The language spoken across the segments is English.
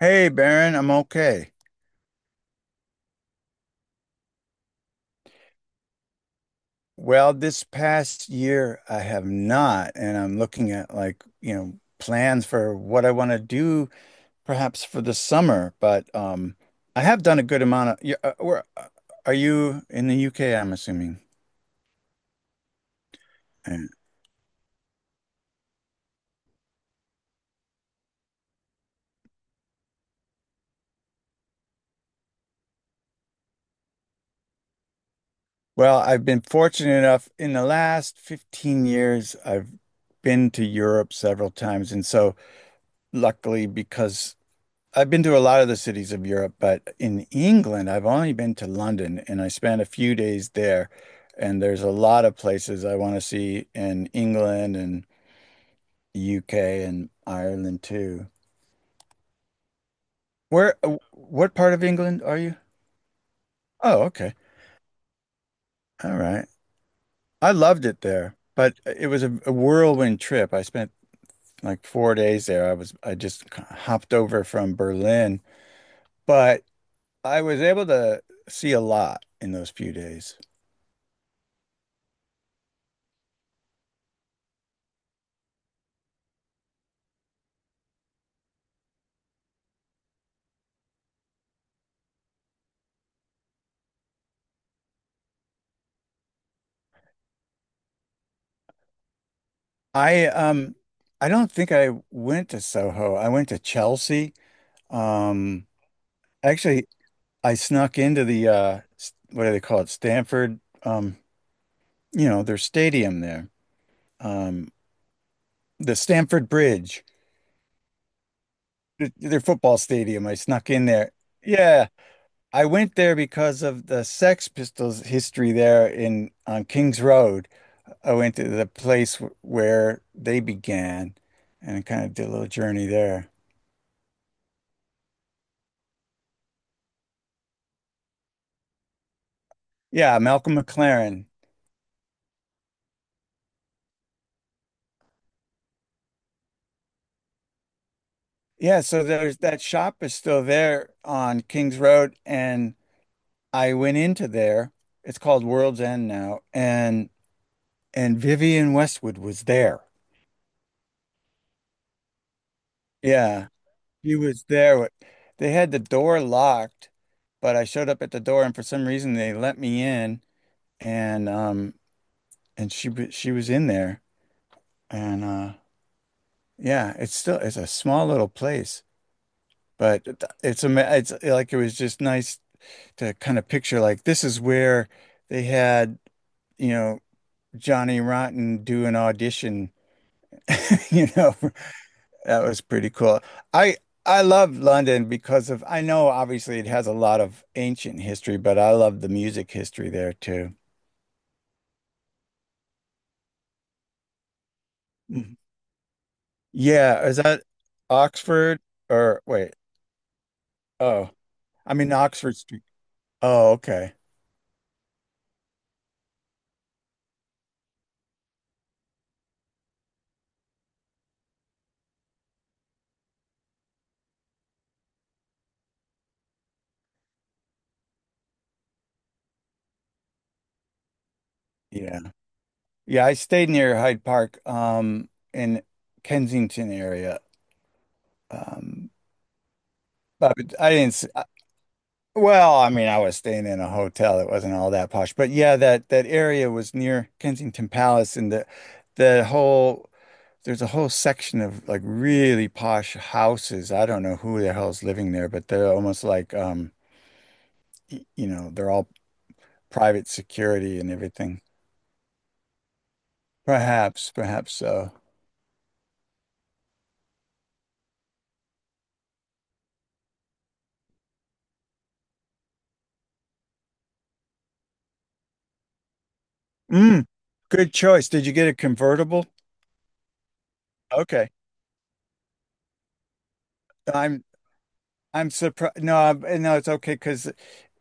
Hey, Baron, I'm okay. Well, this past year I have not, and I'm looking at plans for what I want to do perhaps for the summer, but I have done a good amount of yeah, where are you in the UK, I'm assuming. Yeah. Well, I've been fortunate enough in the last 15 years I've been to Europe several times, and so luckily because I've been to a lot of the cities of Europe, but in England, I've only been to London and I spent a few days there. And there's a lot of places I want to see in England and the UK and Ireland too. Where, what part of England are you? Oh, okay. All right. I loved it there, but it was a whirlwind trip. I spent like four days there. I just hopped over from Berlin, but I was able to see a lot in those few days. I um I don't think I went to Soho. I went to Chelsea. Um Actually, I snuck into the what do they call it? Stamford, you know, their stadium there. Um the Stamford Bridge, their football stadium. I snuck in there. Yeah, I went there because of the Sex Pistols history there in on King's Road. I went to the place where they began and kind of did a little journey there. Yeah, Malcolm McLaren. Yeah, so there's that shop is still there on Kings Road, and I went into there. It's called World's End now, and Vivian Westwood was there. Yeah, she was there. They had the door locked, but I showed up at the door, and for some reason they let me in, and um and she was in there, and yeah, it's a small little place, but it's like it was just nice to kind of picture like this is where they had, you know, Johnny Rotten do an audition, you know. That was pretty cool. I I love London because of I know obviously it has a lot of ancient history, but I love the music history there too. Mhm. Yeah, is that Oxford or wait, oh, I mean Oxford Street. Oh, okay. Yeah. Yeah, I stayed near Hyde Park in Kensington area. Um but I didn't Well, I mean, I was staying in a hotel that wasn't all that posh, but yeah, that that area was near Kensington Palace, and the whole there's a whole section of like really posh houses. I don't know who the hell's living there, but they're almost like you know, they're all private security and everything. Perhaps, perhaps so. Mm, good choice. Did you get a convertible? Okay. I'm I'm surprised. No, I, no, it's okay because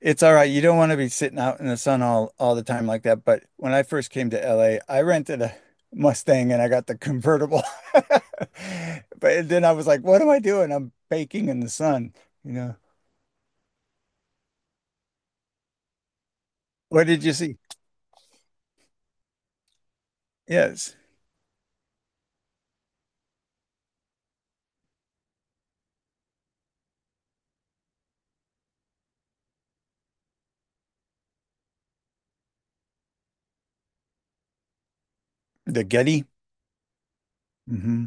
it's all right. You don't want to be sitting out in the sun all the time like that. But when I first came to LA, I rented a Mustang and I got the convertible. But then I was like, what am I doing? I'm baking in the sun, you know. What did you see? Yes, the Getty. hmm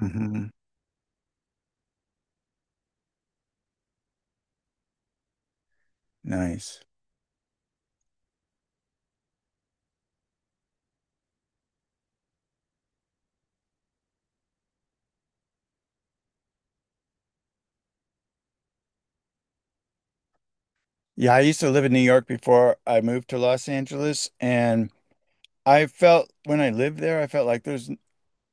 hmm Nice. Yeah, I used to live in New York before I moved to Los Angeles, and I felt when I lived there, I felt like there's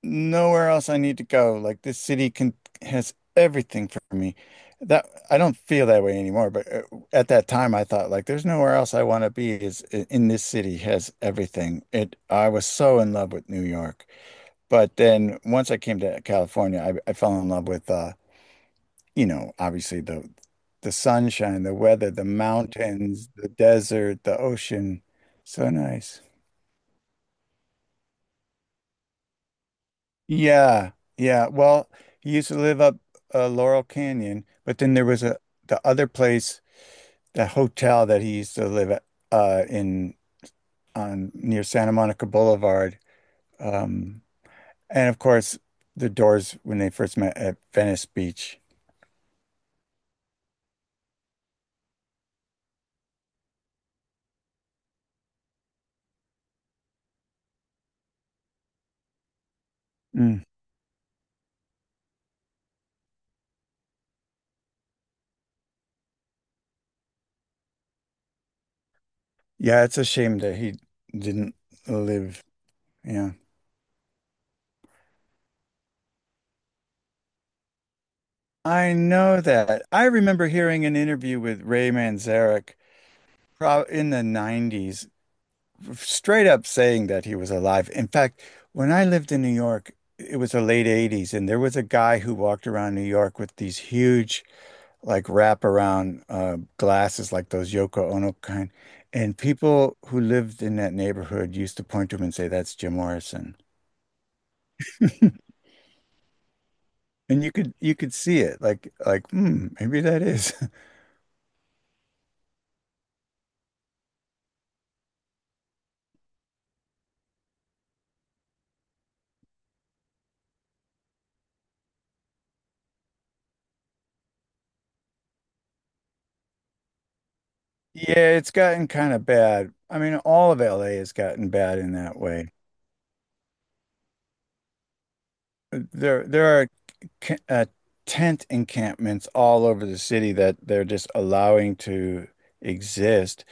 nowhere else I need to go. Like this city can has everything for me. That I don't feel that way anymore, but at that time I thought like there's nowhere else I want to be in this city has everything. It I was so in love with New York. But then once I came to California, I fell in love with you know, obviously the sunshine, the weather, the mountains, the desert, the ocean. So nice. Yeah, yeah. Well, he used to live up, Laurel Canyon, but then there was a, the other place, the hotel that he used to live at, in on near Santa Monica Boulevard. Um, and of course, the Doors when they first met at Venice Beach. Mm. Yeah, it's a shame that he didn't live. Yeah, I know that. I remember hearing an interview with Ray Manzarek prob in the '90s straight up saying that he was alive. In fact, when I lived in New York, it was the late '80s, and there was a guy who walked around New York with these huge, like, wraparound glasses, like those Yoko Ono kind. And people who lived in that neighborhood used to point to him and say, "That's Jim Morrison." And you could see it, hmm, maybe that is. Yeah, it's gotten kind of bad. I mean, all of LA has gotten bad in that way. There are ca- uh, tent encampments all over the city that they're just allowing to exist.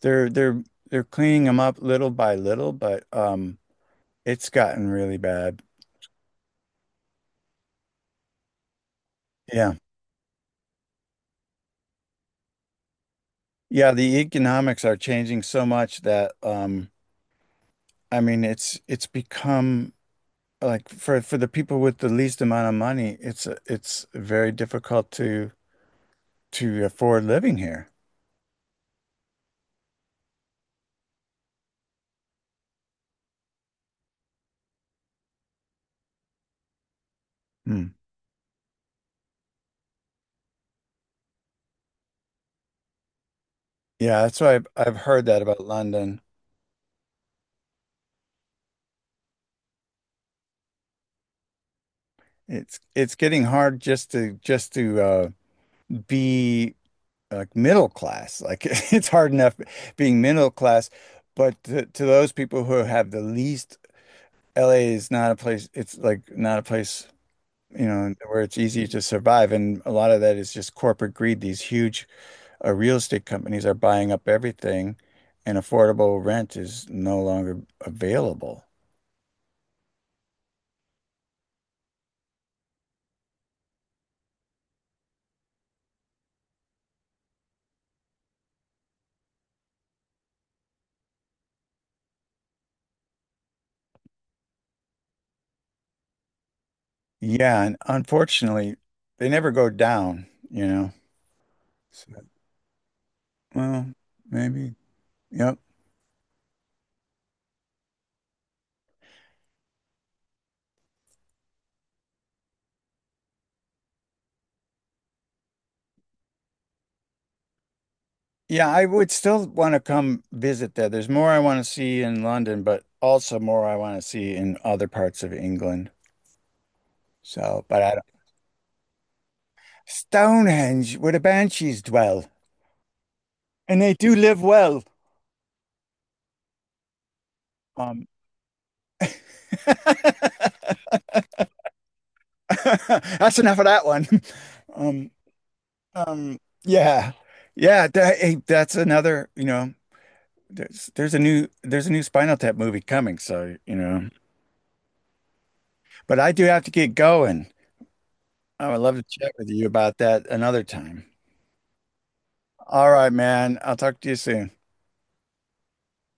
They're they're they're cleaning them up little by little, but it's gotten really bad. Yeah. Yeah, the economics are changing so much that I mean it's become like for the people with the least amount of money, it's very difficult to afford living here. Hmm. Yeah, that's why I've heard that about London. It's getting hard just to be like middle class. Like it's hard enough being middle class, but to those people who have the least, LA is not a place. It's like not a place, you know, where it's easy to survive. And a lot of that is just corporate greed. These huge real estate companies are buying up everything, and affordable rent is no longer available. Yeah, and unfortunately, they never go down, you know. So well, maybe. Yep. Yeah, I would still want to come visit there. There's more I want to see in London, but also more I want to see in other parts of England. So, but I don't. Stonehenge, where the banshees dwell, and they do live well. Um, that's enough of that one. Um, um, yeah, yeah. That, hey, that's another. You know, there's a new Spinal Tap movie coming. So you know, but I do have to get going. I would love to chat with you about that another time. All right, man. I'll talk to you soon.